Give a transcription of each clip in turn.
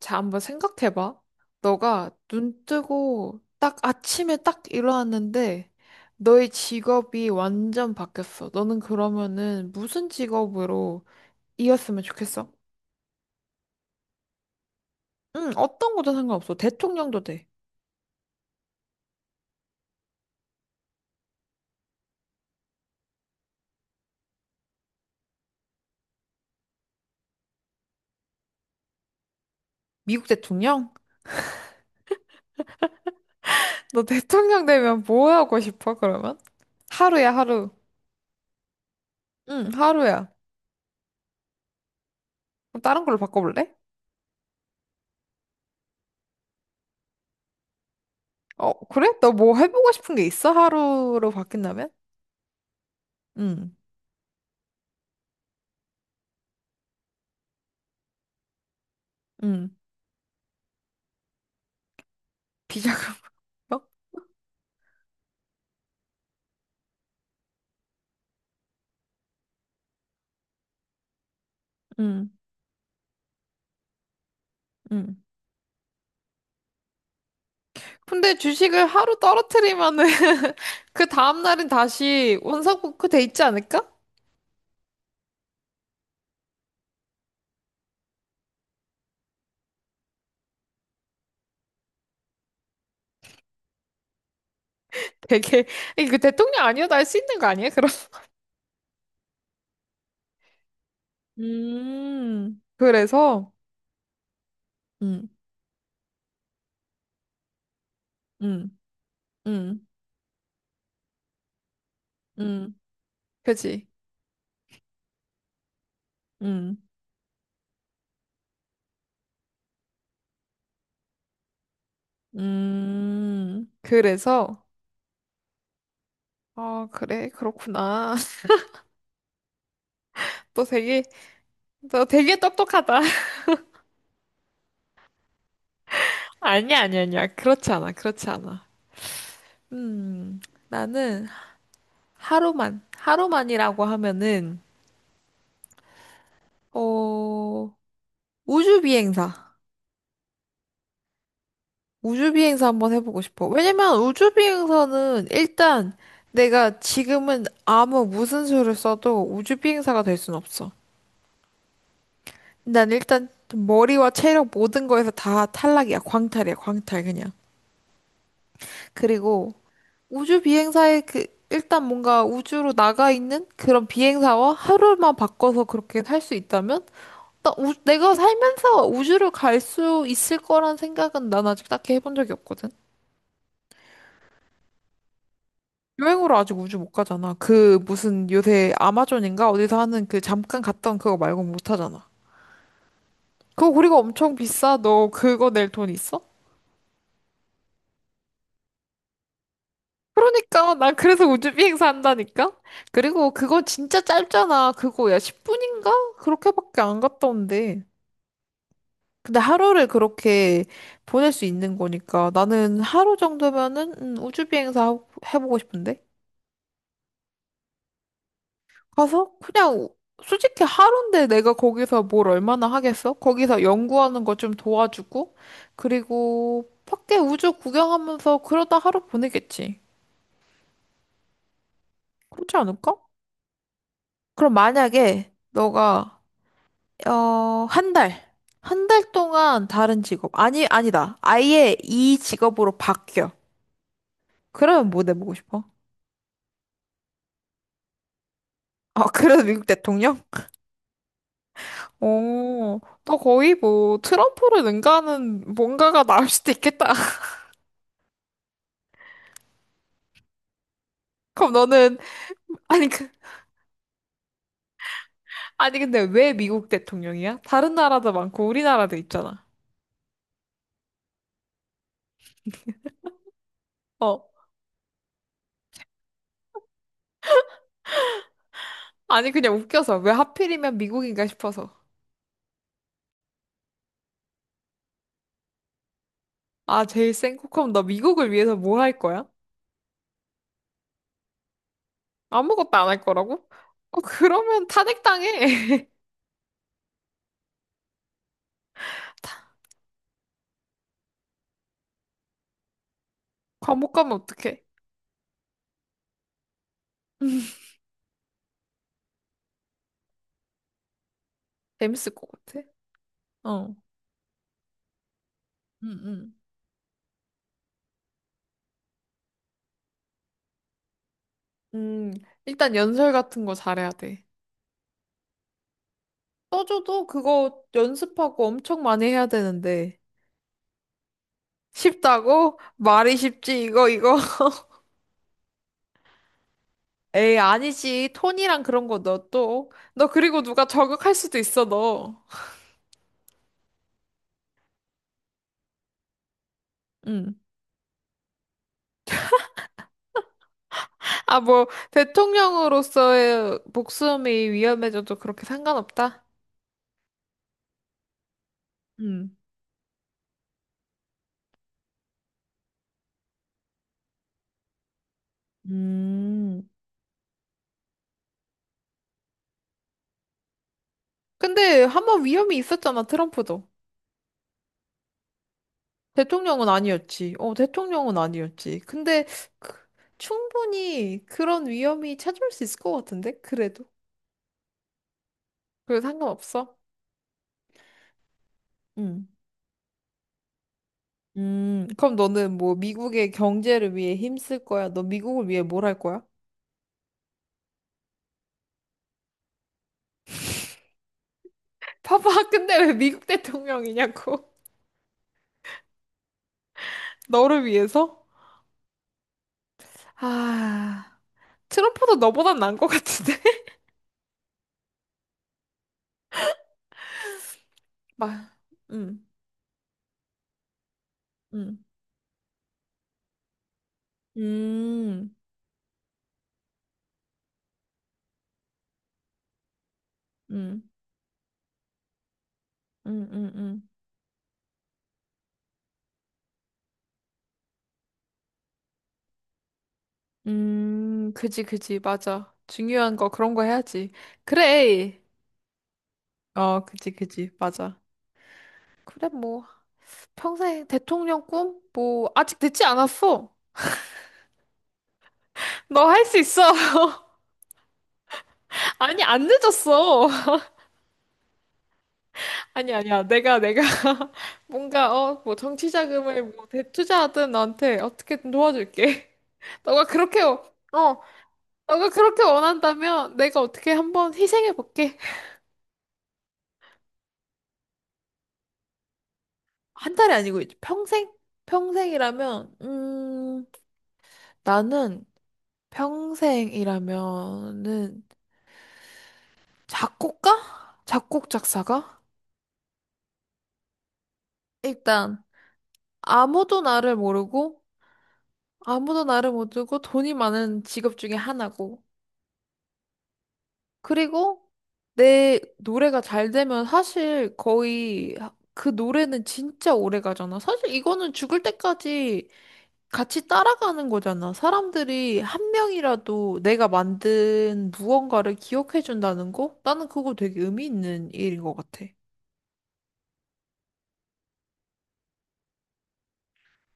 자, 한번 생각해봐. 너가 눈 뜨고 딱 아침에 딱 일어났는데 너의 직업이 완전 바뀌었어. 너는 그러면은 무슨 직업으로 이었으면 좋겠어? 응, 어떤 거든 상관없어. 대통령도 돼. 미국 대통령? 너 대통령 되면 뭐 하고 싶어, 그러면? 하루야, 하루. 응, 하루야. 그럼 다른 걸로 바꿔볼래? 어, 그래? 너 뭐 해보고 싶은 게 있어? 하루로 바뀐다면? 응, 응. 비자금? 응, 응. 근데 주식을 하루 떨어뜨리면은 그 다음날은 다시 원상복구 돼 있지 않을까? 되게 그 대통령 아니어도 할 수 있는 거 아니에요? 그럼 음, 그래서 음음음음 그지 음음 그래서 아, 그래, 그렇구나. 너 되게 너 되게 똑똑하다. 아니야, 아니야, 아니야, 그렇지 않아, 그렇지 않아. 음, 나는 하루만이라고 하면은 어, 우주비행사. 우주비행사 한번 해보고 싶어. 왜냐면 우주비행사는 일단 내가 지금은 아무 무슨 수를 써도 우주비행사가 될 순 없어. 난 일단 머리와 체력 모든 거에서 다 탈락이야. 광탈이야. 광탈 그냥. 그리고 우주비행사의 그 일단 뭔가 우주로 나가 있는 그런 비행사와 하루만 바꿔서 그렇게 살 수 있다면 내가 살면서 우주를 갈 수 있을 거란 생각은 난 아직 딱히 해본 적이 없거든. 여행으로 아직 우주 못 가잖아. 그 무슨 요새 아마존인가 어디서 하는 그 잠깐 갔던 그거 말고 못 하잖아. 그거 우리가 엄청 비싸. 너 그거 낼 돈 있어? 그러니까 난 그래서 우주 비행사 한다니까. 그리고 그거 진짜 짧잖아. 그거 야 10분인가? 그렇게밖에 안 갔다 온대. 근데 하루를 그렇게 보낼 수 있는 거니까 나는 하루 정도면은 우주 비행사 해보고 싶은데. 가서 그냥 솔직히 하루인데 내가 거기서 뭘 얼마나 하겠어? 거기서 연구하는 거 좀 도와주고 그리고 밖에 우주 구경하면서 그러다 하루 보내겠지. 그렇지 않을까? 그럼 만약에 너가 어, 한 달, 한 달 동안 다른 직업 아니, 아니다. 아예 이 직업으로 바뀌어. 그러면 뭐 내보고 싶어? 아, 그래서 미국 대통령? 오, 너 거의 뭐 트럼프를 능가하는 뭔가가 나올 수도 있겠다. 그럼 너는 아니, 그 아니, 근데 왜 미국 대통령이야? 다른 나라도 많고 우리나라도 있잖아. 어. 아니, 그냥 웃겨서 왜 하필이면 미국인가 싶어서. 아, 제일 센 코컴 너 미국을 위해서 뭐 할 거야? 아무것도 안 할 거라고? 어, 그러면 탄핵당해. 감옥 가면 어떡해? 재밌을 것 같아. 어. 응, 응. 음, 일단 연설 같은 거 잘해야 돼. 떠줘도 그거 연습하고 엄청 많이 해야 되는데. 쉽다고? 말이 쉽지, 이거, 이거. 에이, 아니지. 톤이랑 그런 거 너 또. 너 그리고 누가 저격할 수도 있어, 너. 응. 아, 뭐, 대통령으로서의 목숨이 위험해져도 그렇게 상관없다? 응. 음, 근데 한번 위험이 있었잖아, 트럼프도. 대통령은 아니었지. 어, 대통령은 아니었지. 근데 그- 충분히 그런 위험이 찾아올 수 있을 것 같은데? 그래도. 그래도 상관없어. 응. 그럼 너는 뭐 미국의 경제를 위해 힘쓸 거야? 너 미국을 위해 뭘 할 거야? 봐봐, 근데 왜 미국 대통령이냐고. 너를 위해서? 아, 트럼프도 너보단 나은 것 같은데? 막, 음, 음, 음, 음, 음, 음, 음, 그지, 그지, 맞아. 중요한 거 그런 거 해야지. 그래. 어, 그지, 그지, 맞아. 그래, 뭐, 평생 대통령 꿈? 뭐, 아직 늦지 않았어. 너 할 수 있어. 아니, 안 늦었어. 아니, 아니야. 내가, 뭔가, 어, 뭐, 정치 자금을 뭐, 대투자하든 너한테 어떻게든 도와줄게. 너가 그렇게, 어, 어, 너가 그렇게 원한다면 내가 어떻게 한번 희생해볼게. 한 달이 아니고, 이제 평생? 평생이라면, 나는 평생이라면은 작곡가? 작곡 작사가? 일단, 아무도 나를 모르고, 아무도 나를 모르고 돈이 많은 직업 중에 하나고, 그리고 내 노래가 잘 되면 사실 거의 그 노래는 진짜 오래 가잖아. 사실 이거는 죽을 때까지 같이 따라가는 거잖아. 사람들이 한 명이라도 내가 만든 무언가를 기억해 준다는 거? 나는 그거 되게 의미 있는 일인 것 같아.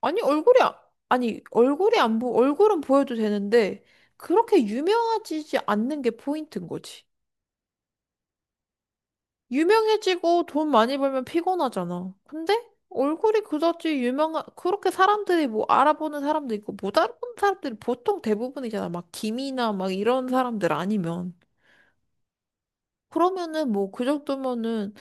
아니, 얼굴이, 아니, 얼굴이 안 보, 얼굴은 보여도 되는데, 그렇게 유명해지지 않는 게 포인트인 거지. 유명해지고 돈 많이 벌면 피곤하잖아. 근데 얼굴이 그다지 유명한, 그렇게 사람들이 뭐 알아보는 사람도 있고 못 알아보는 사람들이 보통 대부분이잖아. 막 김이나 막 이런 사람들 아니면. 그러면은 뭐 그 정도면은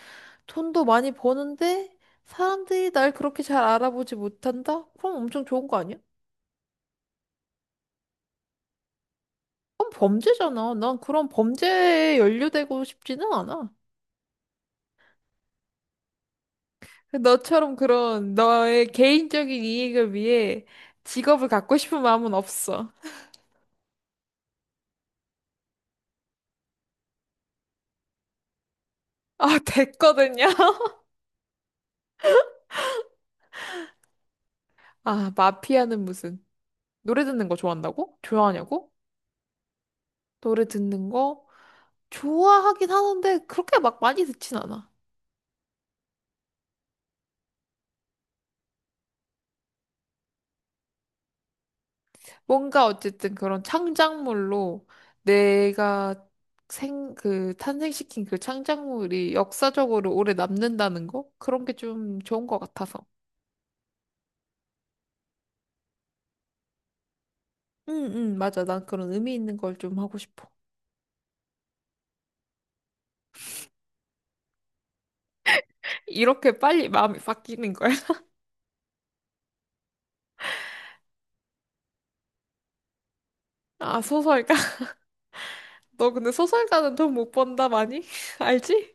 돈도 많이 버는데 사람들이 날 그렇게 잘 알아보지 못한다? 그럼 엄청 좋은 거 아니야? 그럼 범죄잖아. 난 그런 범죄에 연루되고 싶지는 않아. 너처럼 그런 너의 개인적인 이익을 위해 직업을 갖고 싶은 마음은 없어. 아, 됐거든요. 아, 마피아는 무슨 노래 듣는 거 좋아한다고? 좋아하냐고? 노래 듣는 거 좋아하긴 하는데 그렇게 막 많이 듣진 않아. 뭔가 어쨌든 그런 창작물로 내가 그 탄생시킨 그 창작물이 역사적으로 오래 남는다는 거? 그런 게 좀 좋은 것 같아서. 응, 응, 맞아. 난 그런 의미 있는 걸 좀 하고 싶어. 이렇게 빨리 마음이 바뀌는 거야? 아, 소설가? 너 근데 소설가는 돈 못 번다, 많이? 알지?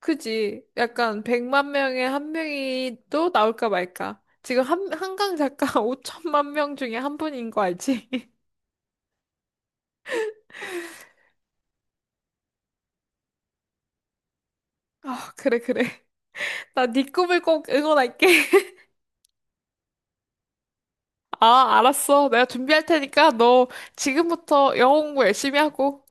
그지? 약간 100만 명에 한 명이 또 나올까 말까. 지금 한강 작가 5천만 명 중에 한 분인 거 알지? 아, 그래, 그래. 나 네 꿈을 꼭 응원할게. 아, 알았어. 내가 준비할 테니까 너 지금부터 영어 공부 열심히 하고.